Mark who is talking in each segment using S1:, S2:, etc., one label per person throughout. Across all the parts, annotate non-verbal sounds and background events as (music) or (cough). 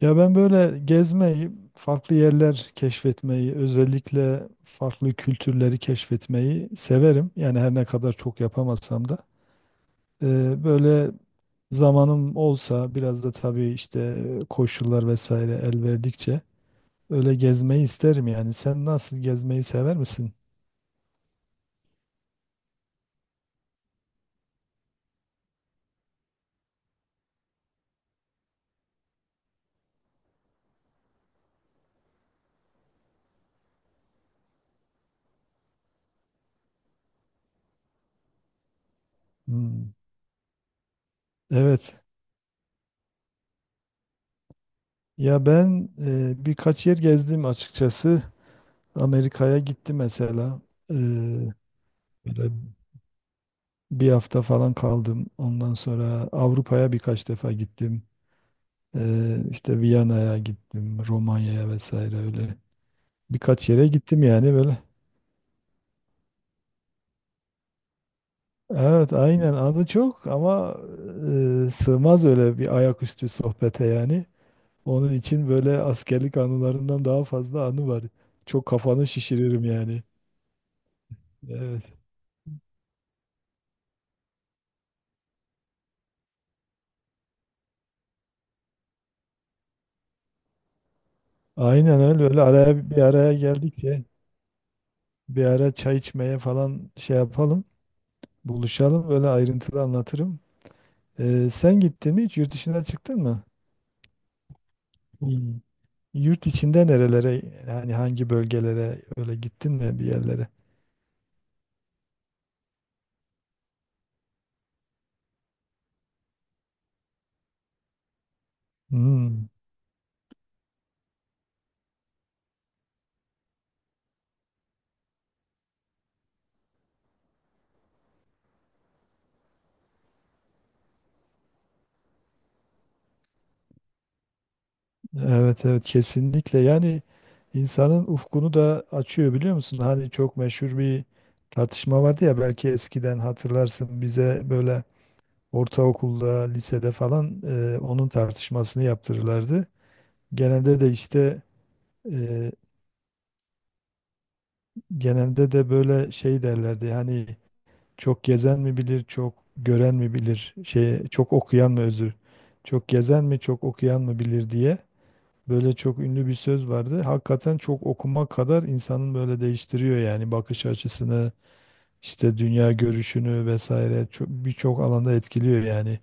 S1: Ya ben böyle gezmeyi, farklı yerler keşfetmeyi, özellikle farklı kültürleri keşfetmeyi severim. Yani her ne kadar çok yapamasam da. Böyle zamanım olsa biraz da tabii işte koşullar vesaire el verdikçe öyle gezmeyi isterim yani. Sen nasıl gezmeyi sever misin? Hmm. Evet. Ya ben birkaç yer gezdim açıkçası. Amerika'ya gittim mesela. Ee, böyle Bir hafta falan kaldım. Ondan sonra Avrupa'ya birkaç defa gittim. İşte Viyana'ya gittim, Romanya'ya vesaire öyle. Birkaç yere gittim yani böyle. Evet, aynen adı çok ama sığmaz öyle bir ayaküstü sohbete yani. Onun için böyle askerlik anılarından daha fazla anı var. Çok kafanı şişiririm yani. Evet. Aynen öyle öyle araya bir araya geldik ya. Bir ara çay içmeye falan şey yapalım. Buluşalım böyle ayrıntılı anlatırım. Sen gittin mi hiç? Yurt dışına çıktın mı? Hmm. Yurt içinde nerelere, yani hangi bölgelere öyle gittin mi bir yerlere? Hmm. Evet evet, kesinlikle yani insanın ufkunu da açıyor biliyor musun? Hani çok meşhur bir tartışma vardı ya, belki eskiden hatırlarsın, bize böyle ortaokulda lisede falan onun tartışmasını yaptırırlardı. Genelde de işte, e, genelde de böyle şey derlerdi hani, çok gezen mi bilir, çok gören mi bilir, şey, çok okuyan mı, özür, çok gezen mi, çok okuyan mı bilir diye böyle çok ünlü bir söz vardı. Hakikaten çok okumak kadar insanın böyle değiştiriyor yani bakış açısını, işte dünya görüşünü vesaire çok, birçok alanda etkiliyor yani.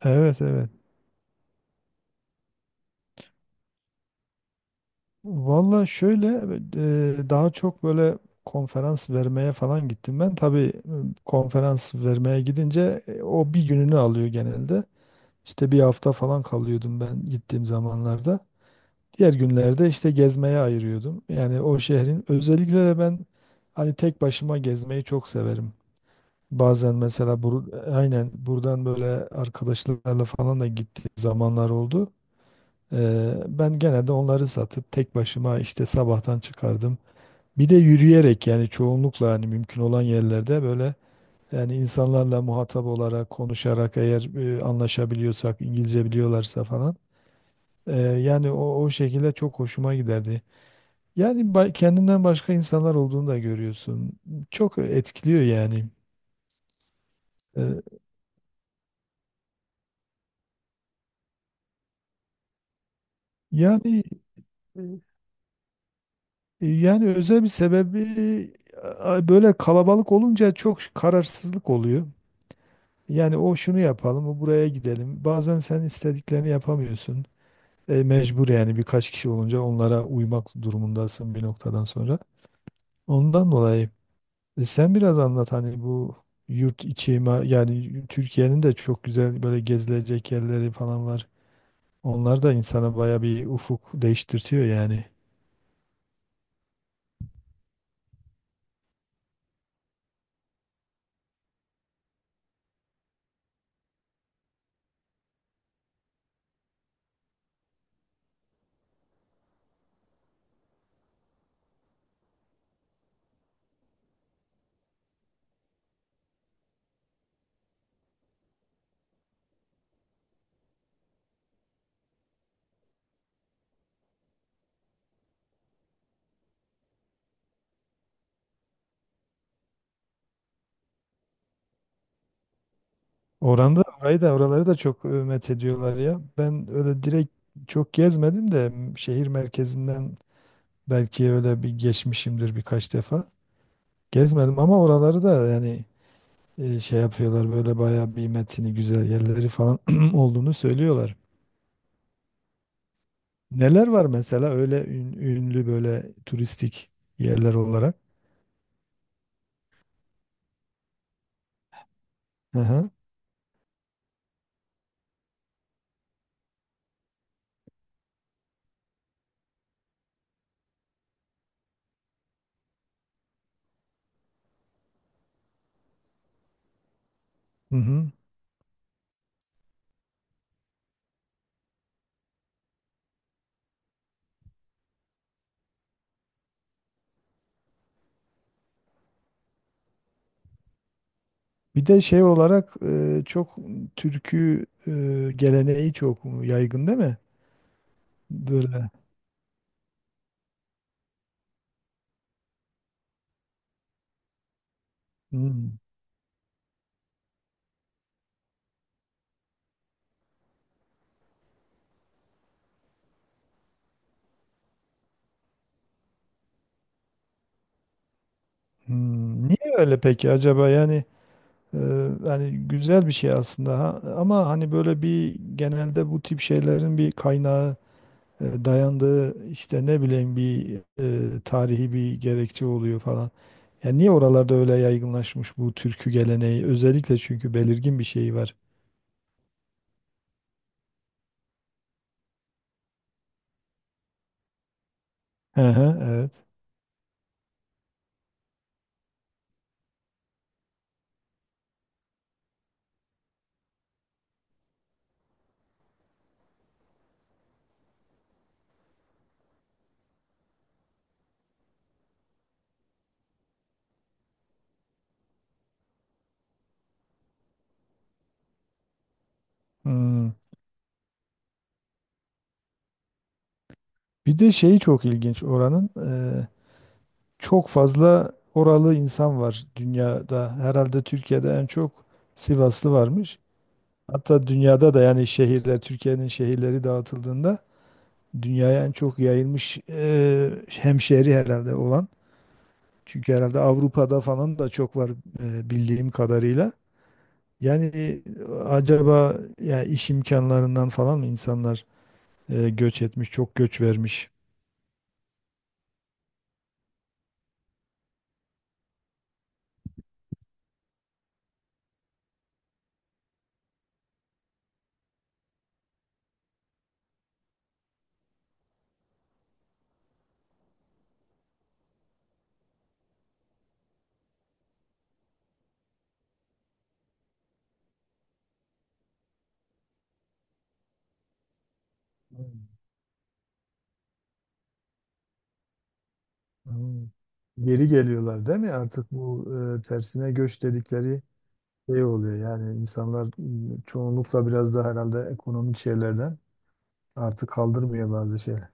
S1: Evet evet. Valla şöyle, daha çok böyle konferans vermeye falan gittim ben. Tabii konferans vermeye gidince o bir gününü alıyor genelde. İşte bir hafta falan kalıyordum ben gittiğim zamanlarda. Diğer günlerde işte gezmeye ayırıyordum. Yani o şehrin, özellikle de ben hani tek başıma gezmeyi çok severim. Bazen mesela aynen buradan böyle arkadaşlarla falan da gittiğim zamanlar oldu. Ben gene de onları satıp tek başıma işte sabahtan çıkardım. Bir de yürüyerek yani çoğunlukla hani mümkün olan yerlerde böyle, yani insanlarla muhatap olarak konuşarak, eğer anlaşabiliyorsak, İngilizce biliyorlarsa falan, yani o şekilde çok hoşuma giderdi. Yani kendinden başka insanlar olduğunu da görüyorsun. Çok etkiliyor yani. Ee, yani e, yani özel bir sebebi, böyle kalabalık olunca çok kararsızlık oluyor. Yani o şunu yapalım, o buraya gidelim. Bazen sen istediklerini yapamıyorsun. E, mecbur yani birkaç kişi olunca onlara uymak durumundasın bir noktadan sonra. Ondan dolayı. E, sen biraz anlat hani bu yurt içi, yani Türkiye'nin de çok güzel böyle gezilecek yerleri falan var. Onlar da insana baya bir ufuk değiştirtiyor yani. Oranda orayı da, oraları da çok met ediyorlar ya. Ben öyle direkt çok gezmedim de şehir merkezinden belki öyle bir geçmişimdir birkaç defa. Gezmedim ama oraları da yani şey yapıyorlar, böyle baya bir metini güzel yerleri falan (clears throat) olduğunu söylüyorlar. Neler var mesela öyle ünlü böyle turistik yerler olarak? Hı hı. Hı hı. Bir de şey olarak çok türkü geleneği çok yaygın değil mi? Böyle. Hmm. Hmm. Niye öyle peki acaba? E, yani güzel bir şey aslında ha? Ama hani böyle bir, genelde bu tip şeylerin bir kaynağı, dayandığı işte, ne bileyim, bir tarihi bir gerekçe oluyor falan. Yani niye oralarda öyle yaygınlaşmış bu türkü geleneği? Özellikle çünkü belirgin bir şeyi var. Hı hı, evet. Hmm. Bir de şeyi çok ilginç oranın. e, Çok fazla oralı insan var dünyada. Herhalde Türkiye'de en çok Sivaslı varmış. Hatta dünyada da yani, şehirler, Türkiye'nin şehirleri dağıtıldığında dünyaya en çok yayılmış hemşehri herhalde olan. Çünkü herhalde Avrupa'da falan da çok var, bildiğim kadarıyla. Yani acaba ya iş imkanlarından falan mı insanlar göç etmiş, çok göç vermiş? Hmm, hmm. Geri geliyorlar değil mi? Artık bu tersine göç dedikleri şey oluyor. Yani insanlar çoğunlukla biraz da herhalde ekonomik şeylerden artık kaldırmıyor bazı şeyler.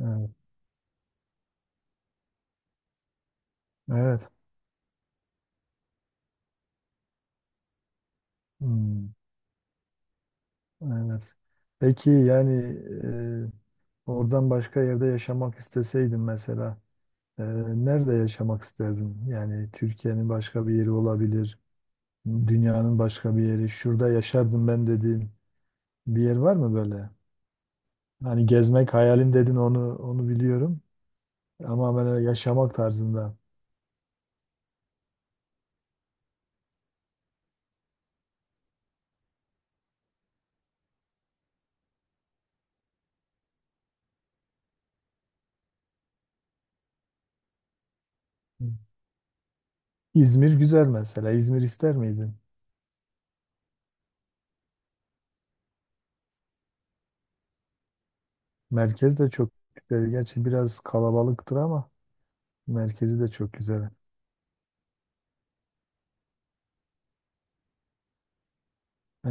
S1: Evet. Evet. Hmm, evet. Peki yani, e, oradan başka yerde yaşamak isteseydin mesela, e, nerede yaşamak isterdin? Yani Türkiye'nin başka bir yeri olabilir, dünyanın başka bir yeri, şurada yaşardım ben dediğin bir yer var mı böyle? Hani gezmek hayalim dedin, onu biliyorum ama böyle yaşamak tarzında. İzmir güzel mesela. İzmir ister miydin? Merkez de çok güzel. Gerçi biraz kalabalıktır ama merkezi de çok güzel. He,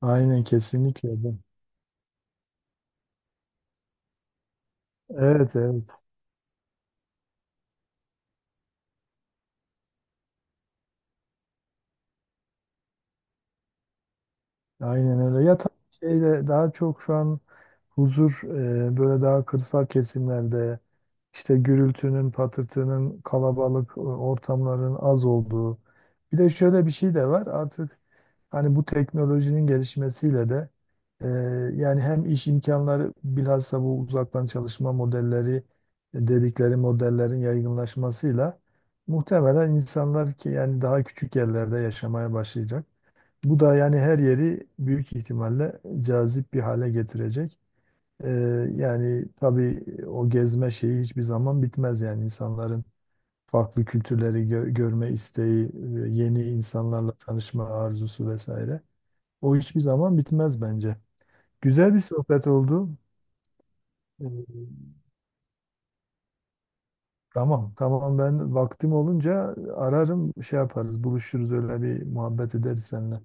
S1: aynen kesinlikle. Evet evet. Aynen öyle. Ya tabii şeyde daha çok şu an huzur, böyle daha kırsal kesimlerde, işte gürültünün, patırtının, kalabalık ortamların az olduğu. Bir de şöyle bir şey de var artık, hani bu teknolojinin gelişmesiyle de e, yani hem iş imkanları, bilhassa bu uzaktan çalışma modelleri dedikleri modellerin yaygınlaşmasıyla muhtemelen insanlar ki yani daha küçük yerlerde yaşamaya başlayacak. Bu da yani her yeri büyük ihtimalle cazip bir hale getirecek. Ee, yani tabii o gezme şeyi hiçbir zaman bitmez yani, insanların farklı kültürleri görme isteği, yeni insanlarla tanışma arzusu vesaire. O hiçbir zaman bitmez bence. Güzel bir sohbet oldu. Ee, tamam, tamam, ben vaktim olunca ararım, şey yaparız, buluşuruz, öyle bir muhabbet ederiz seninle.